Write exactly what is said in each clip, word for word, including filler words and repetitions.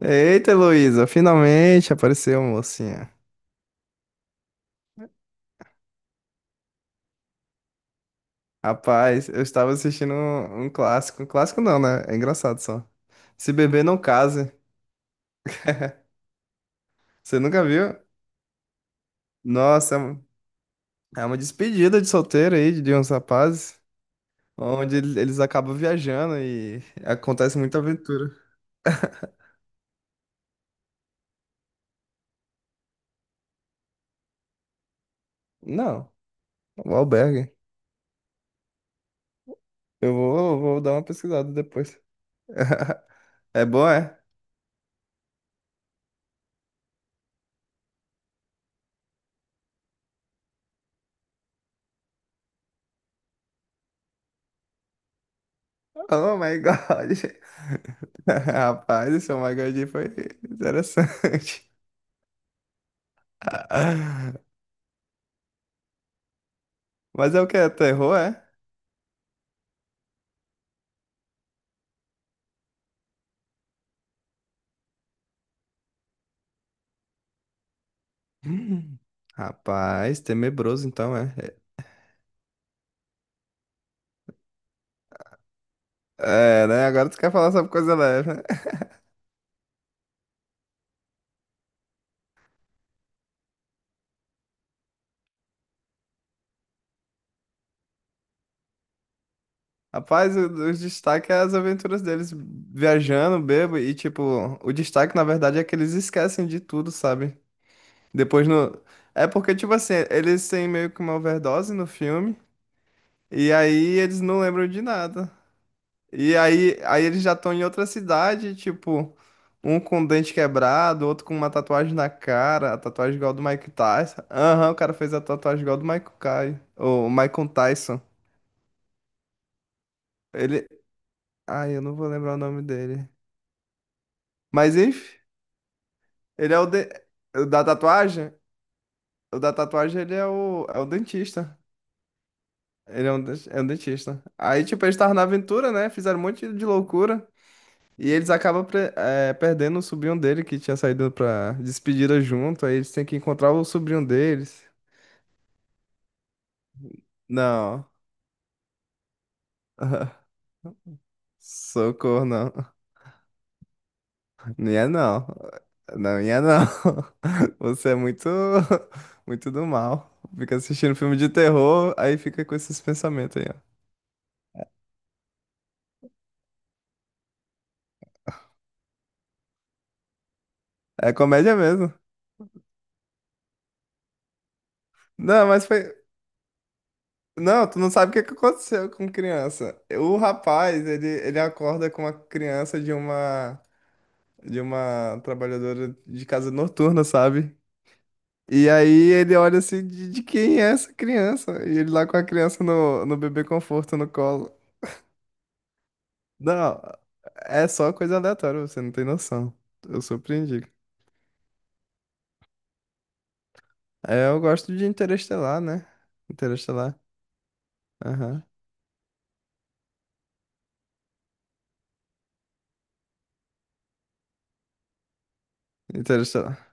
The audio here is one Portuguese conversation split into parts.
Eita, Heloísa, finalmente apareceu, mocinha. Rapaz, eu estava assistindo um, um clássico. Um clássico não, né? É engraçado só. Se beber não case. Você nunca viu? Nossa, é um- é uma despedida de solteiro aí de de uns rapazes, onde ele- eles acabam viajando e acontece muita aventura. Não, o albergue. Eu vou, vou dar uma pesquisada depois. É bom, é? Oh my God. Rapaz, esse Oh my God foi interessante. Mas é o que? É terror, é? Hum. Rapaz, tenebroso então, é. É, né? Agora tu quer falar sobre coisa leve, né? Rapaz, o, o destaque é as aventuras deles viajando, bebo, e tipo, o destaque na verdade é que eles esquecem de tudo, sabe? Depois no. É porque, tipo assim, eles têm meio que uma overdose no filme, e aí eles não lembram de nada. E aí, aí eles já estão em outra cidade, tipo, um com o dente quebrado, outro com uma tatuagem na cara, a tatuagem igual a do Mike Tyson. Aham, o cara fez a tatuagem igual a do Michael Kai, o Michael Tyson. Ele, ai, eu não vou lembrar o nome dele. Mas enfim, ele é o, de... o da tatuagem, o da tatuagem ele é o é o dentista. Ele é um, den- é um dentista. Aí, tipo, eles estavam na aventura, né? Fizeram um monte de loucura. E eles acabam pre- eh, perdendo o sobrinho dele que tinha saído pra despedida junto. Aí eles têm que encontrar o sobrinho deles. Não. Socorro, não. Não ia não. Não ia não. Você é muito, muito do mal. Fica assistindo filme de terror, aí fica com esses pensamentos aí, ó. É comédia mesmo. Não, mas foi. Não, tu não sabe o que que aconteceu com criança. O rapaz, ele, ele acorda com uma criança de uma. De uma trabalhadora de casa noturna, sabe? E aí ele olha assim, de, de quem é essa criança? E ele lá com a criança no, no bebê conforto no colo. Não, é só coisa aleatória, você não tem noção. Eu surpreendi. É, eu gosto de Interestelar, né? Interestelar. Aham. Interestelar.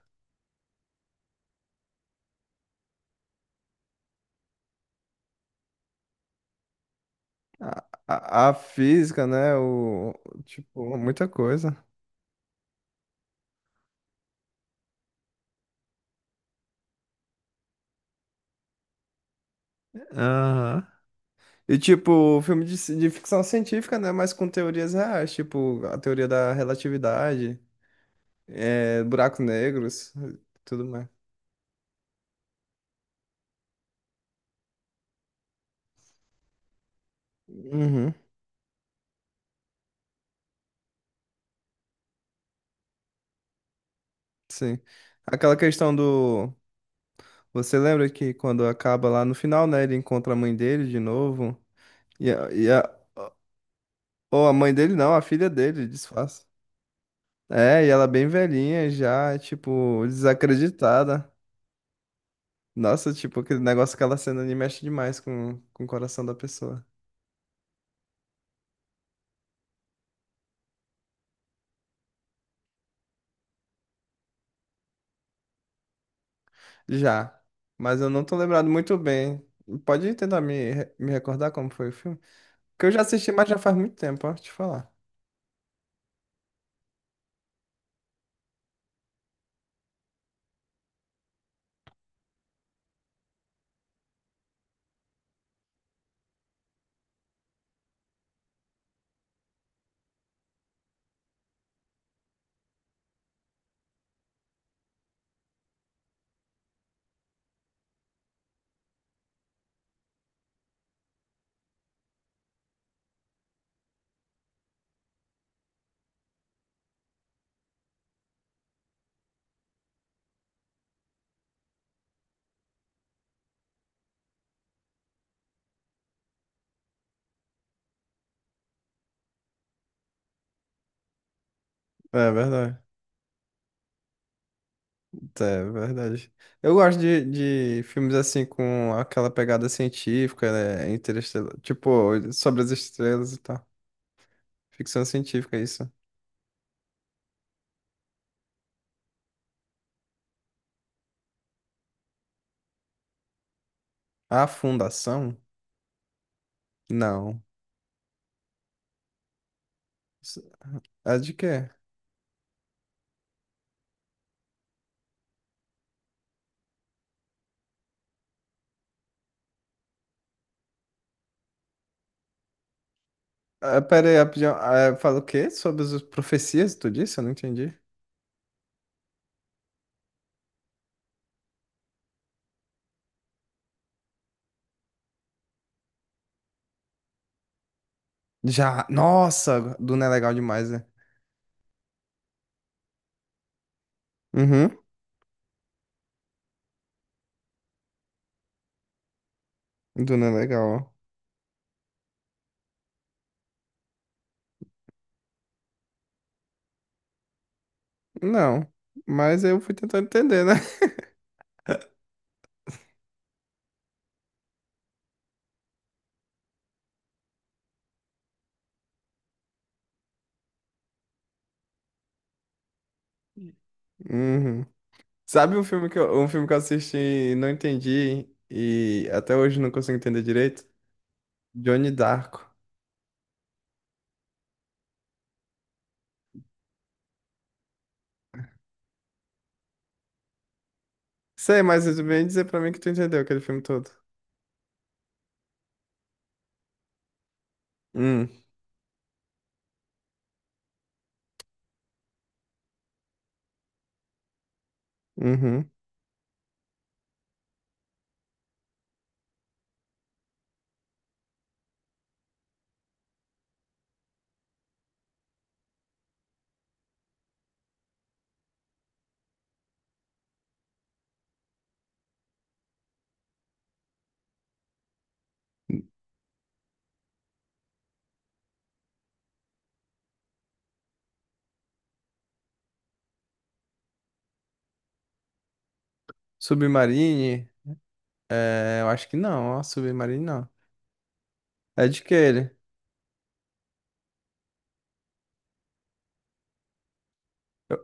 A, a, a física, né? O, tipo, muita coisa. Aham. E tipo, filme de, ci- de ficção científica, né? Mas com teorias reais, tipo, a teoria da relatividade, é, buracos negros, tudo mais. Uhum, sim. Aquela questão do. Você lembra que quando acaba lá no final, né? Ele encontra a mãe dele de novo. E a, e a... Ou a mãe dele não, a filha dele, disfarça. É, e ela bem velhinha já, tipo, desacreditada. Nossa, tipo, aquele negócio, aquela cena ali mexe demais com, com o coração da pessoa. Já, mas eu não tô lembrado muito bem. Pode tentar me, re- me recordar como foi o filme? Que eu já assisti, mas já faz muito tempo, ó, te falar. É verdade. É verdade. Eu gosto de, de filmes assim com aquela pegada científica, né? Interestelar. Tipo, sobre as estrelas e tal. Ficção científica, é isso. A Fundação? Não. S- É de quê? Ah, pera aí, rapidinho. Ah, é, fala o quê? Sobre as profecias, tu disse? Eu não entendi. Já. Nossa, Duna é legal demais, né? Uhum. Duna é legal. Ó. Não, mas eu fui tentando entender, né? Uhum. Sabe um filme que eu, um filme que eu assisti e não entendi e até hoje não consigo entender direito? Johnny Darko. Sei, mas tu vem dizer pra mim que tu entendeu aquele filme todo. Hum, uhum. Submarine? É, eu acho que não, ó, Submarine não. É de que ele? Eu,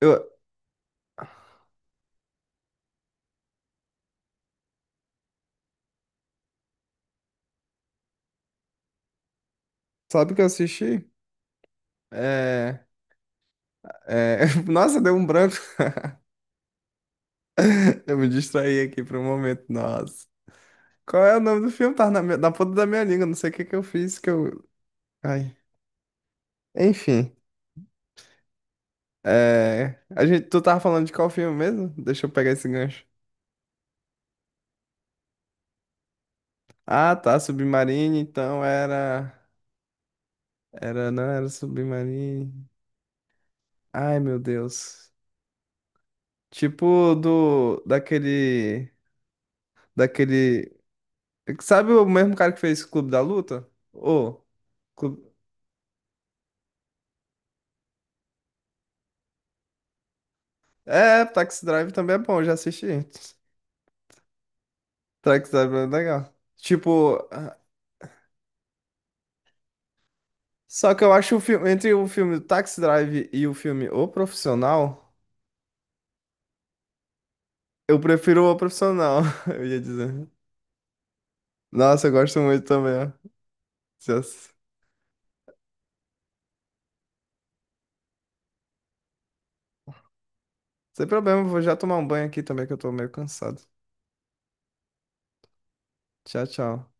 eu- sabe o que eu assisti? É, é, nossa, deu um branco. Eu me distraí aqui por um momento, nossa. Qual é o nome do filme? Tá na, minha- na ponta da minha língua. Não sei o que que eu fiz que eu. Ai. Enfim. É... A gente, tu tava falando de qual filme mesmo? Deixa eu pegar esse gancho. Ah, tá. Submarine, então era. Era, não era Submarine. Ai, meu Deus. Tipo do. Daquele. Daquele. Sabe o mesmo cara que fez Clube da Luta? Ô. Clube... É, Taxi Drive também é bom, já assisti. Taxi Drive é legal. Tipo. Só que eu acho o filme, entre o filme Taxi Drive e o filme O Profissional, eu prefiro O Profissional, eu ia dizer. Nossa, eu gosto muito também. Ó. Já- Sem problema, vou já tomar um banho aqui também, que eu tô meio cansado. Tchau, tchau.